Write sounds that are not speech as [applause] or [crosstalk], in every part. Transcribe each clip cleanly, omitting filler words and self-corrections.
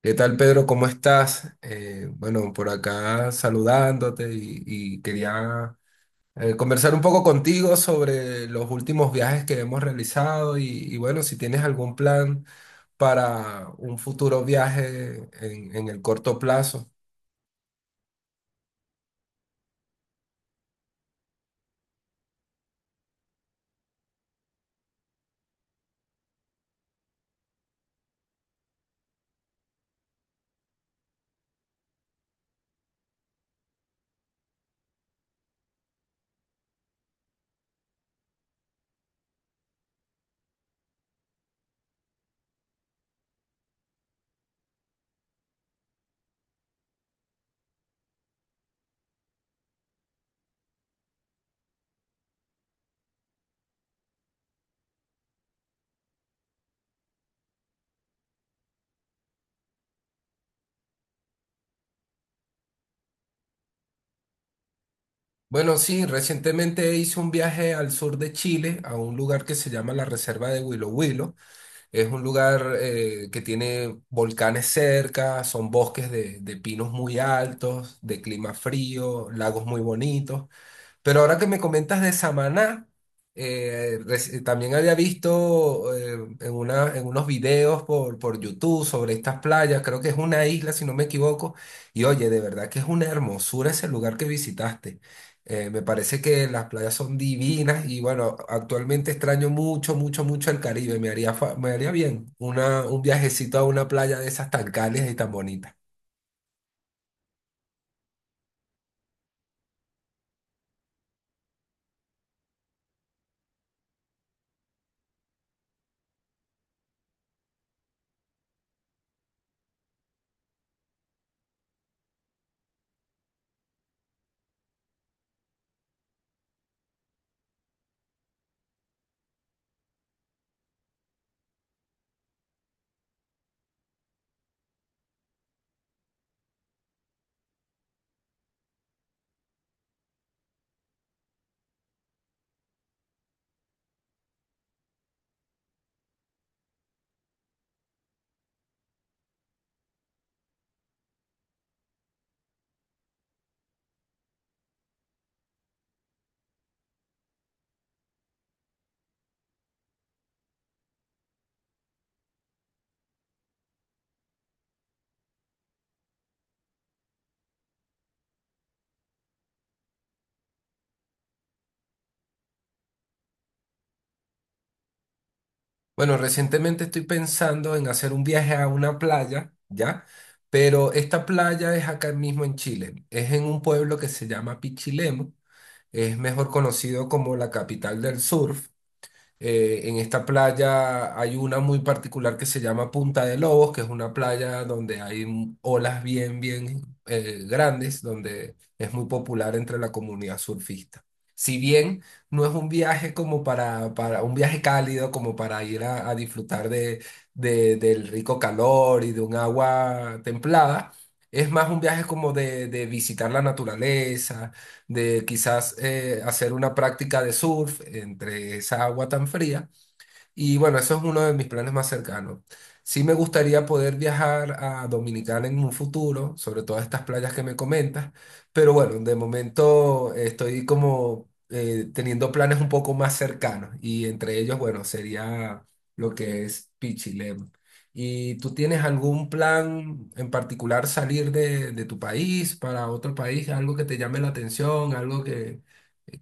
¿Qué tal, Pedro? ¿Cómo estás? Bueno, por acá saludándote y quería conversar un poco contigo sobre los últimos viajes que hemos realizado y bueno, si tienes algún plan para un futuro viaje en el corto plazo. Bueno, sí, recientemente hice un viaje al sur de Chile, a un lugar que se llama la Reserva de Huilo Huilo. Es un lugar que tiene volcanes cerca, son bosques de pinos muy altos, de clima frío, lagos muy bonitos. Pero ahora que me comentas de Samaná, también había visto en una, en unos videos por YouTube sobre estas playas, creo que es una isla, si no me equivoco, y oye, de verdad que es una hermosura ese lugar que visitaste. Me parece que las playas son divinas y bueno, actualmente extraño mucho, mucho, mucho el Caribe. Me haría bien un viajecito a una playa de esas tan cálidas y tan bonitas. Bueno, recientemente estoy pensando en hacer un viaje a una playa, ¿ya? Pero esta playa es acá mismo en Chile. Es en un pueblo que se llama Pichilemu. Es mejor conocido como la capital del surf. En esta playa hay una muy particular que se llama Punta de Lobos, que es una playa donde hay olas bien, bien grandes, donde es muy popular entre la comunidad surfista. Si bien no es un viaje como para un viaje cálido, como para ir a disfrutar del rico calor y de un agua templada, es más un viaje como de visitar la naturaleza de quizás hacer una práctica de surf entre esa agua tan fría y bueno, eso es uno de mis planes más cercanos. Sí me gustaría poder viajar a Dominicana en un futuro, sobre todas estas playas que me comentas, pero bueno, de momento estoy como teniendo planes un poco más cercanos y entre ellos, bueno, sería lo que es Pichilemu. ¿Y tú tienes algún plan en particular salir de tu país para otro país, algo que te llame la atención, algo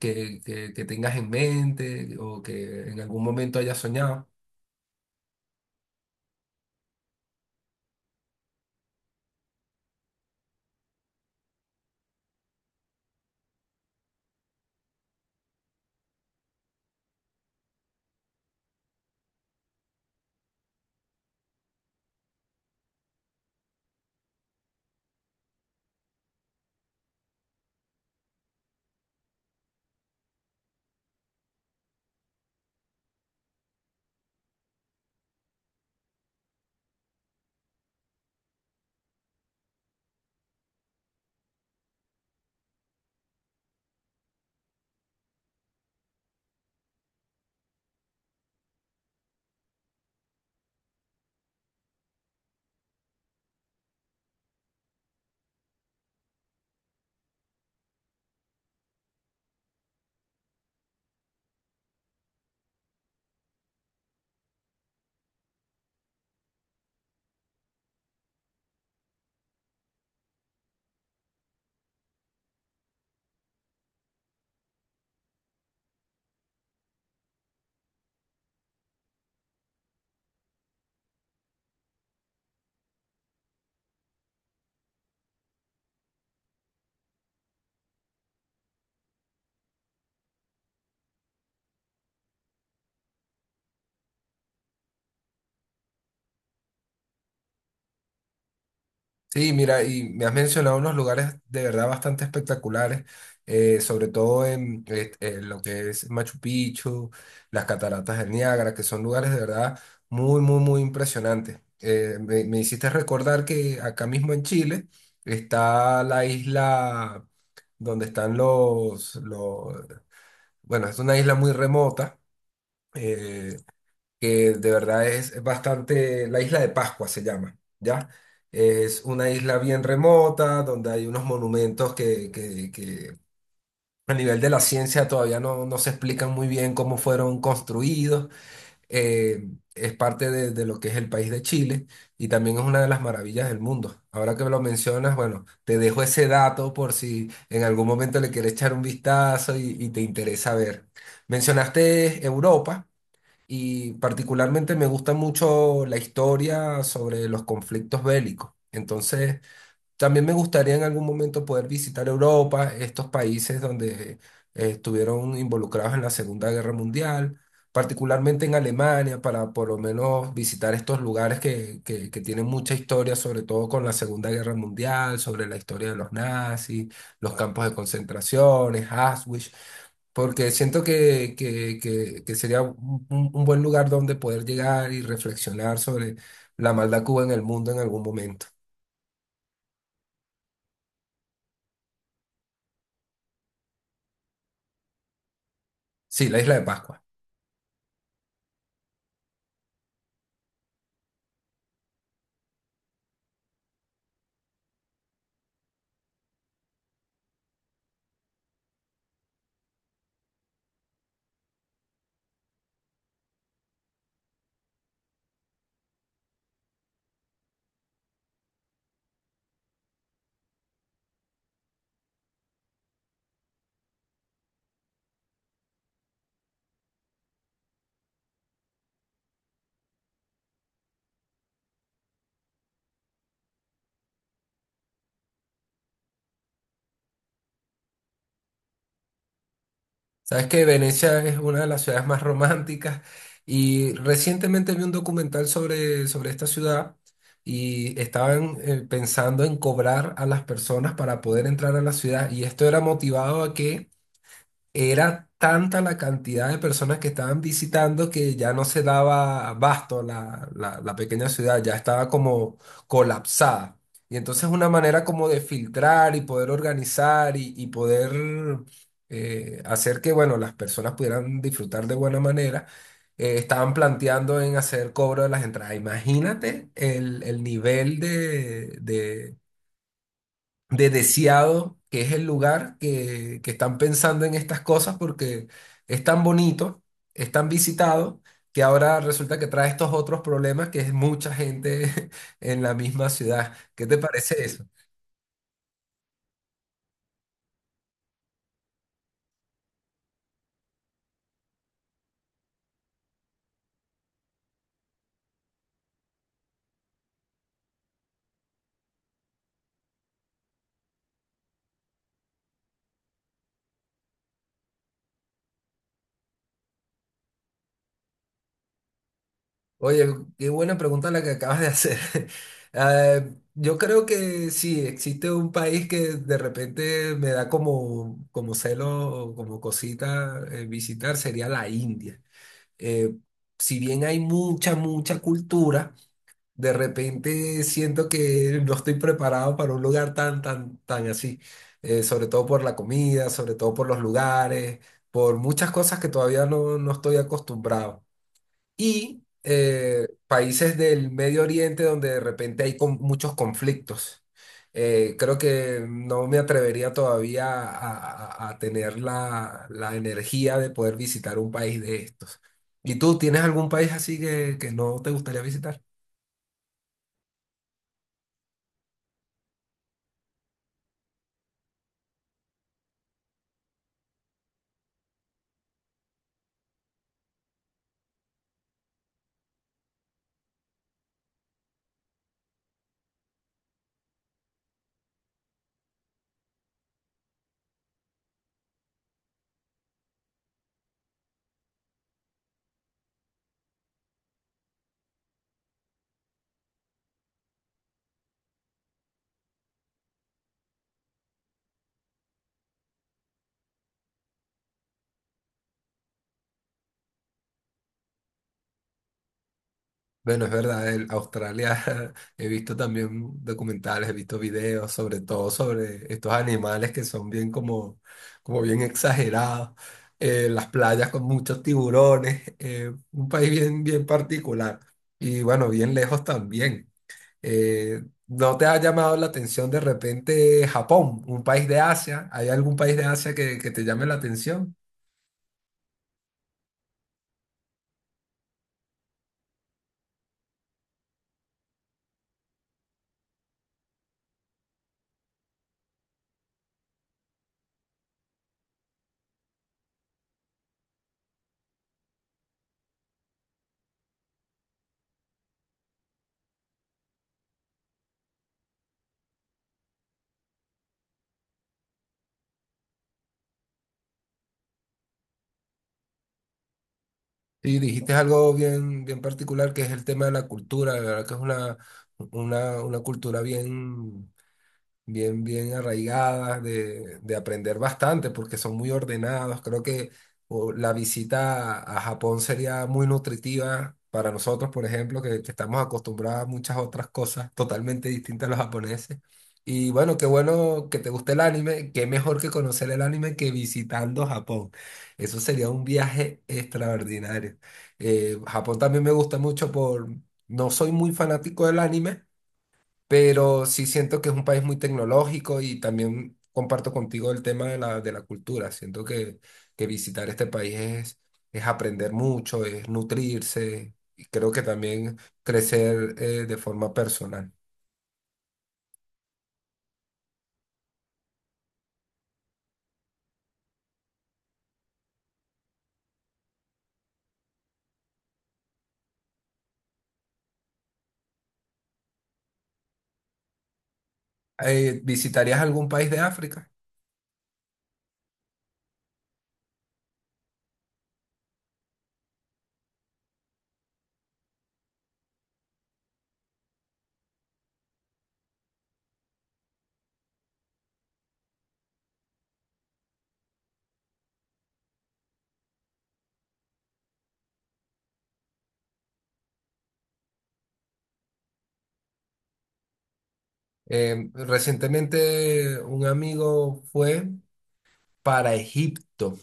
que tengas en mente o que en algún momento hayas soñado? Sí, mira, y me has mencionado unos lugares de verdad bastante espectaculares, sobre todo en lo que es Machu Picchu, las cataratas del Niágara, que son lugares de verdad muy, muy, muy impresionantes. Me hiciste recordar que acá mismo en Chile está la isla donde están bueno, es una isla muy remota. eh, que de verdad es bastante, la isla de Pascua se llama, ¿ya? Es una isla bien remota, donde hay unos monumentos que a nivel de la ciencia todavía no se explican muy bien cómo fueron construidos. Eh, es parte de lo que es el país de Chile y también es una de las maravillas del mundo. Ahora que me lo mencionas, bueno, te dejo ese dato por si en algún momento le quieres echar un vistazo y te interesa ver. Mencionaste Europa. Y particularmente me gusta mucho la historia sobre los conflictos bélicos. Entonces, también me gustaría en algún momento poder visitar Europa, estos países donde estuvieron involucrados en la Segunda Guerra Mundial, particularmente en Alemania, para por lo menos visitar estos lugares que tienen mucha historia, sobre todo con la Segunda Guerra Mundial, sobre la historia de los nazis, los campos de concentraciones, Auschwitz, porque siento que sería un buen lugar donde poder llegar y reflexionar sobre la maldad que hubo en el mundo en algún momento. Sí, la isla de Pascua. Sabes que Venecia es una de las ciudades más románticas y recientemente vi un documental sobre esta ciudad y estaban pensando en cobrar a las personas para poder entrar a la ciudad y esto era motivado a que era tanta la cantidad de personas que estaban visitando que ya no se daba abasto la pequeña ciudad, ya estaba como colapsada. Y entonces una manera como de filtrar y poder organizar y poder hacer que, bueno, las personas pudieran disfrutar de buena manera, estaban planteando en hacer cobro de las entradas. Imagínate el nivel de Deseado, que es el lugar que están pensando en estas cosas porque es tan bonito, es tan visitado, que ahora resulta que trae estos otros problemas que es mucha gente [laughs] en la misma ciudad. ¿Qué te parece eso? Oye, qué buena pregunta la que acabas de hacer. [laughs] Yo creo que sí, existe un país que de repente me da como, como celo o como cosita visitar, sería la India. eh, si bien hay mucha, mucha cultura, de repente siento que [laughs] no estoy preparado para un lugar tan, tan, tan así. Sobre todo por la comida, sobre todo por los lugares, por muchas cosas que todavía no estoy acostumbrado y países del Medio Oriente donde de repente hay muchos conflictos. Creo que no me atrevería todavía a tener la energía de poder visitar un país de estos. ¿Y tú tienes algún país así que no te gustaría visitar? Bueno, es verdad, en Australia [laughs] he visto también documentales, he visto videos, sobre todo sobre estos animales que son bien como, como bien exagerados, las playas con muchos tiburones, un país bien, bien particular y bueno, bien lejos también. ¿No te ha llamado la atención de repente Japón, un país de Asia? ¿Hay algún país de Asia que te llame la atención? Sí, dijiste algo bien, bien particular que es el tema de la cultura, de verdad que es una cultura bien, bien, bien arraigadas, de aprender bastante, porque son muy ordenados. Creo que o, la visita a Japón sería muy nutritiva para nosotros, por ejemplo, que estamos acostumbrados a muchas otras cosas totalmente distintas a los japoneses. Y bueno, qué bueno que te guste el anime, qué mejor que conocer el anime que visitando Japón. Eso sería un viaje extraordinario. Japón también me gusta mucho por... No soy muy fanático del anime, pero sí siento que es un país muy tecnológico y también comparto contigo el tema de de la cultura. Siento que visitar este país es aprender mucho, es nutrirse y creo que también crecer de forma personal. ¿Visitarías algún país de África? Recientemente un amigo fue para Egipto,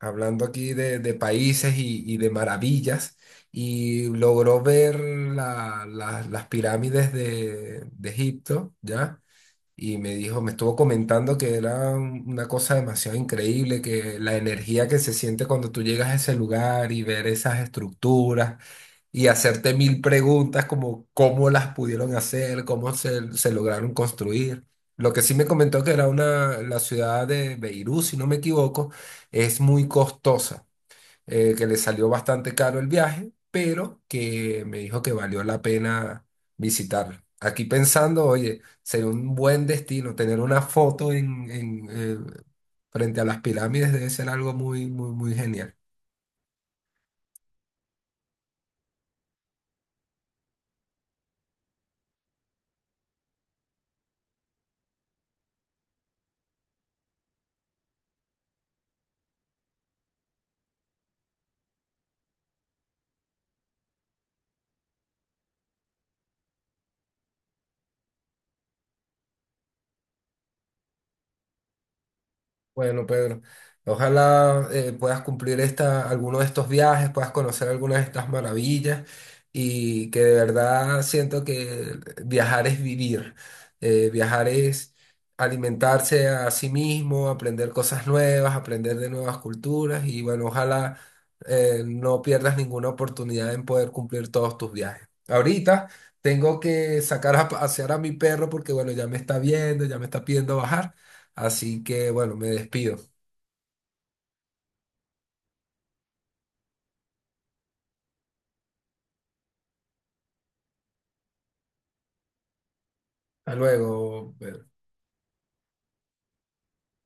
hablando aquí de países y de maravillas, y logró ver las pirámides de Egipto, ¿ya? Y me dijo, me estuvo comentando que era una cosa demasiado increíble, que la energía que se siente cuando tú llegas a ese lugar y ver esas estructuras y hacerte mil preguntas como cómo las pudieron hacer, cómo se lograron construir. Lo que sí me comentó que era una, la ciudad de Beirut, si no me equivoco, es muy costosa, que le salió bastante caro el viaje, pero que me dijo que valió la pena visitarla. Aquí pensando, oye, sería un buen destino tener una foto frente a las pirámides debe ser algo muy, muy, muy genial. Bueno, Pedro, ojalá puedas cumplir esta, alguno de estos viajes, puedas conocer algunas de estas maravillas y que de verdad siento que viajar es vivir. Viajar es alimentarse a sí mismo, aprender cosas nuevas, aprender de nuevas culturas y bueno, ojalá no pierdas ninguna oportunidad en poder cumplir todos tus viajes. Ahorita tengo que sacar a pasear a mi perro porque bueno, ya me está viendo, ya me está pidiendo bajar. Así que bueno, me despido. Hasta luego.